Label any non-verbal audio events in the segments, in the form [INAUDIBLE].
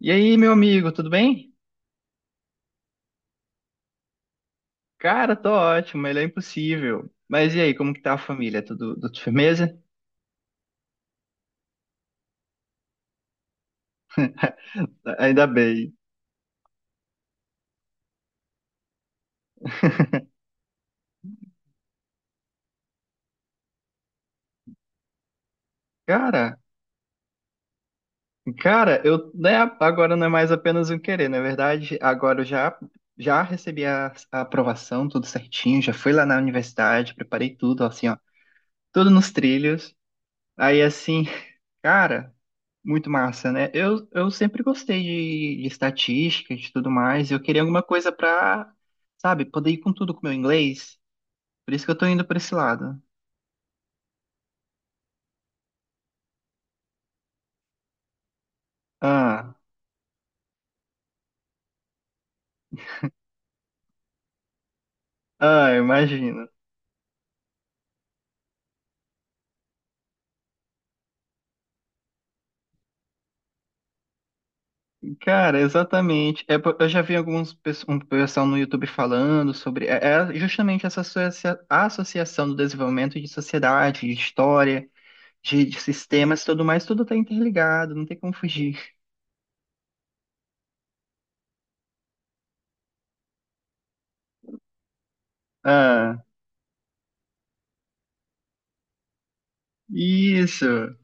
E aí, meu amigo, tudo bem? Cara, tô ótimo, ele é impossível. Mas e aí, como que tá a família? Tudo firmeza? [LAUGHS] Ainda bem. Cara, cara, eu, né, agora não é mais apenas um querer, na verdade, já recebi a aprovação, tudo certinho, já fui lá na universidade, preparei tudo, assim, ó, tudo nos trilhos. Aí, assim, [LAUGHS] cara. Muito massa, né? Eu sempre gostei de estatística, de tudo mais. Eu queria alguma coisa pra, sabe, poder ir com tudo com o meu inglês. Por isso que eu tô indo pra esse lado. Ah, ah, imagino. Cara, exatamente. É, eu já vi um pessoal no YouTube falando sobre é justamente essa associação do desenvolvimento de sociedade, de história, de sistemas, tudo mais, tudo tá interligado, não tem como fugir. Ah, isso.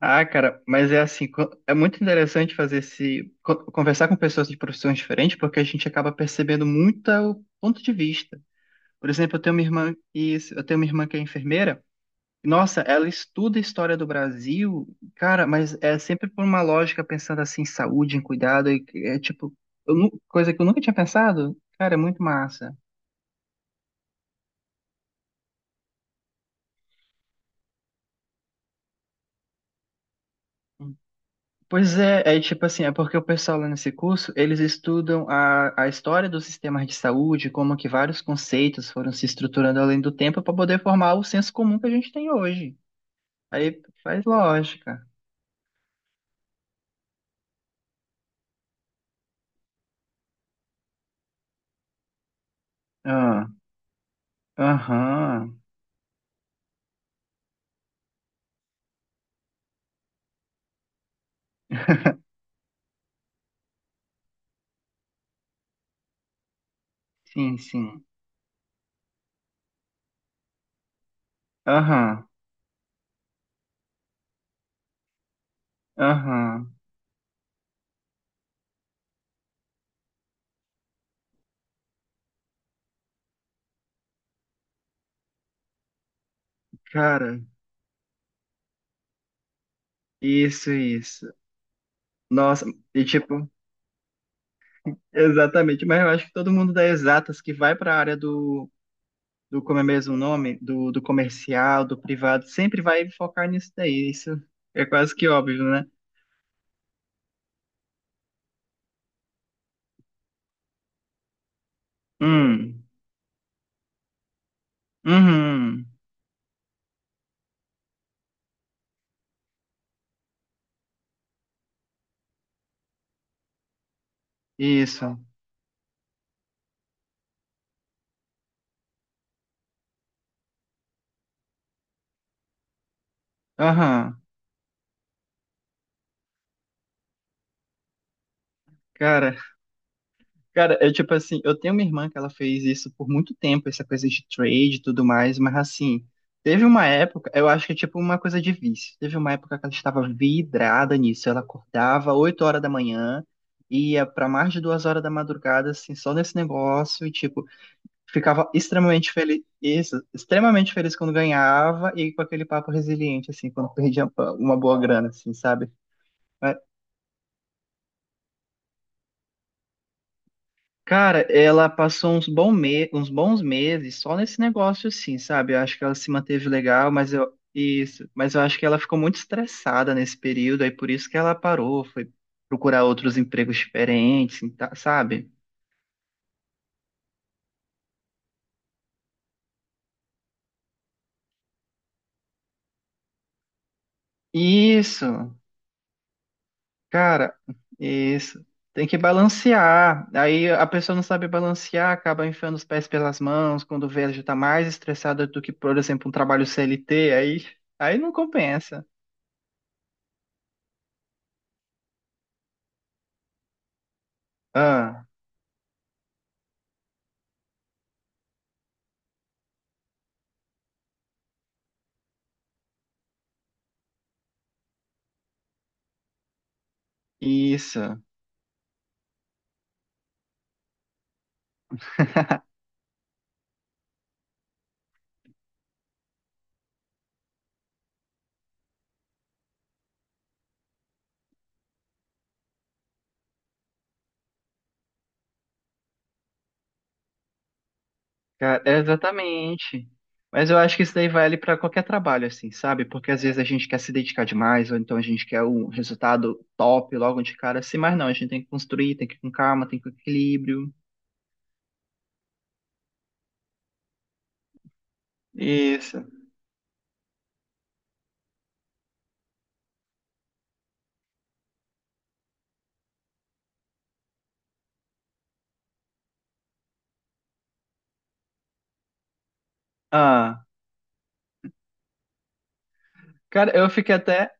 Ah, cara, mas é assim, é muito interessante fazer conversar com pessoas de profissões diferentes, porque a gente acaba percebendo muito o ponto de vista. Por exemplo, eu tenho uma irmã que é enfermeira. Nossa, ela estuda a história do Brasil, cara, mas é sempre por uma lógica pensando assim, em saúde, em cuidado, e é tipo, coisa que eu nunca tinha pensado. Cara, é muito massa. Pois é, é tipo assim, é porque o pessoal lá nesse curso, eles estudam a história dos sistemas de saúde, como que vários conceitos foram se estruturando além do tempo para poder formar o senso comum que a gente tem hoje. Aí faz lógica. Ah, aham, sim, sim. Aham, aham. Cara, isso, isso. Nossa, e tipo, exatamente, mas eu acho que todo mundo dá exatas que vai para a área do do como é mesmo o nome, do comercial, do privado, sempre vai focar nisso daí. Isso é quase que óbvio, né? Hum, uhum, isso, aham. Cara, cara, eu tipo assim, eu tenho uma irmã que ela fez isso por muito tempo, essa coisa de trade e tudo mais, mas assim, teve uma época, eu acho que é tipo uma coisa de vício. Teve uma época que ela estava vidrada nisso, ela acordava 8 horas da manhã, ia pra mais de duas horas da madrugada, assim, só nesse negócio, e tipo, ficava extremamente feliz, isso, extremamente feliz quando ganhava e com aquele papo resiliente, assim, quando perdia uma boa grana, assim, sabe? Mas, cara, ela passou uns, uns bons meses só nesse negócio, assim, sabe? Eu acho que ela se manteve legal, mas eu, isso, mas eu acho que ela ficou muito estressada nesse período, aí por isso que ela parou, foi procurar outros empregos diferentes, sabe? Isso. Cara, isso. Tem que balancear. Aí a pessoa não sabe balancear, acaba enfiando os pés pelas mãos, quando vê, ela já tá mais estressada do que, por exemplo, um trabalho CLT, aí não compensa. Ah, isso. Cara, é exatamente. Mas eu acho que isso daí vale para qualquer trabalho, assim, sabe? Porque às vezes a gente quer se dedicar demais, ou então a gente quer um resultado top logo de cara, assim, mas não, a gente tem que construir, tem que ir com calma, tem que ir com equilíbrio. Isso. Ah. Cara, eu fiquei até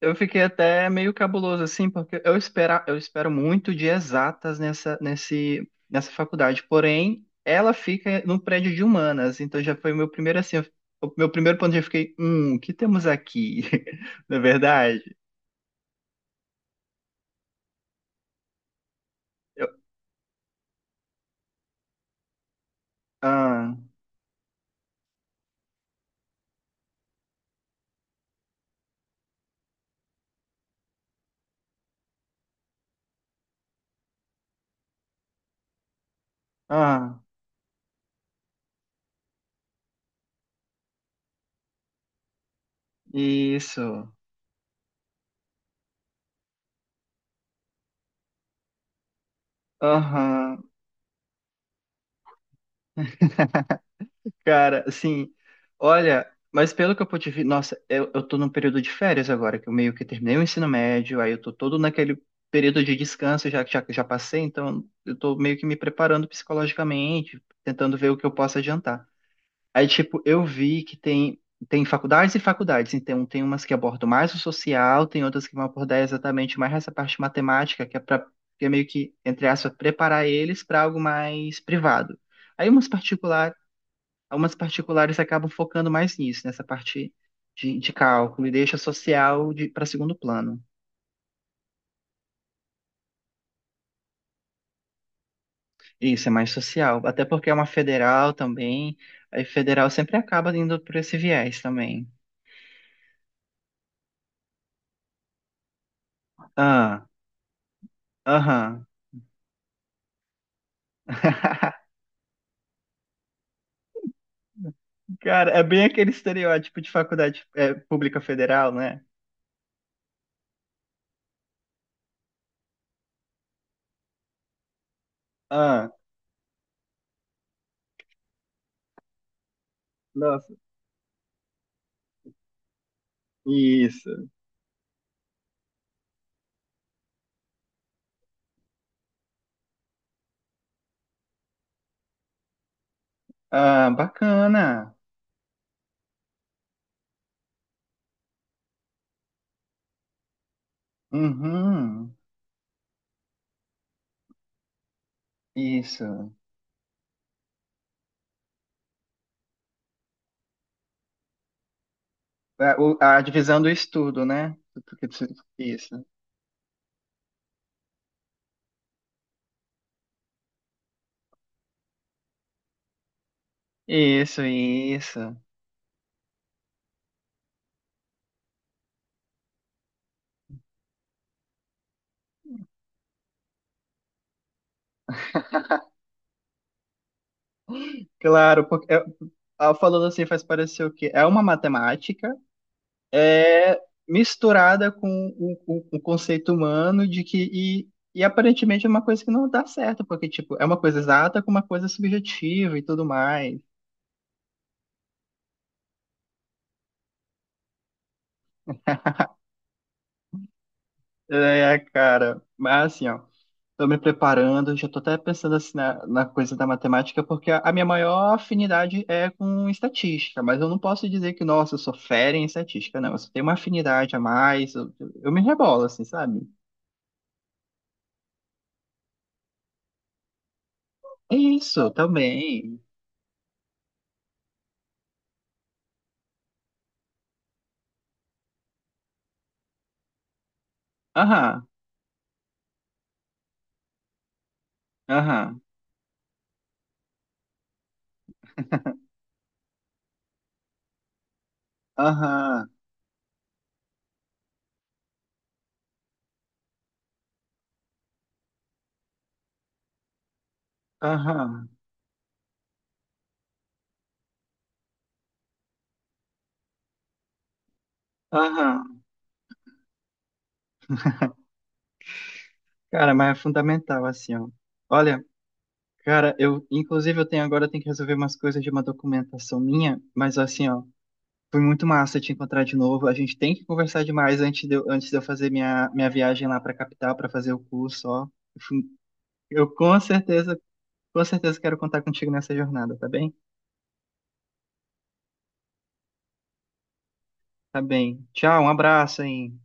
Eu fiquei até meio cabuloso, assim, porque eu espero muito de exatas nessa faculdade. Porém, ela fica no prédio de humanas, então já foi o meu primeiro, assim, o meu primeiro ponto, já fiquei, o que temos aqui? [LAUGHS] Na verdade? Eu, ah, ah, isso, aham. Cara, assim, olha, mas pelo que eu pude ver, nossa, eu tô num período de férias agora, que eu meio que terminei o ensino médio, aí eu tô todo naquele período de descanso já que já passei, então eu tô meio que me preparando psicologicamente, tentando ver o que eu posso adiantar. Aí, tipo, eu vi que tem, tem faculdades e faculdades, então tem umas que abordam mais o social, tem outras que vão abordar exatamente mais essa parte matemática, que é meio que, entre aspas, preparar eles para algo mais privado. Aí umas particulares Algumas particulares acabam focando mais nisso, nessa parte de cálculo, e deixa social para segundo plano. Isso, é mais social. Até porque é uma federal também, aí federal sempre acaba indo por esse viés também. Ah, aham. [LAUGHS] Cara, é bem aquele estereótipo de faculdade é, pública federal, né? Ah, nossa, isso. Ah, bacana. Uhum, isso. A, a divisão do estudo, né? Isso. Isso, isso. Claro, porque é, ah, falando assim faz parecer o quê? É uma matemática é, misturada com o conceito humano de que e aparentemente é uma coisa que não dá certo, porque tipo, é uma coisa exata com uma coisa subjetiva e tudo mais. [LAUGHS] É, cara, mas assim, ó. Estou me preparando, já estou até pensando assim na coisa da matemática, porque a minha maior afinidade é com estatística, mas eu não posso dizer que, nossa, eu sou fera em estatística, não. Eu só tenho uma afinidade a mais, eu me rebolo, assim, sabe? É isso, também. Aham, aham, [LAUGHS] aham, aham, aham. Cara, mas é fundamental, assim, ó. Olha, cara, eu, inclusive, eu tenho que resolver umas coisas de uma documentação minha, mas assim, ó. Foi muito massa te encontrar de novo. A gente tem que conversar demais antes de eu fazer minha viagem lá para a capital para fazer o curso, ó. Eu fui- eu com certeza quero contar contigo nessa jornada, tá bem? Tá bem. Tchau, um abraço, hein?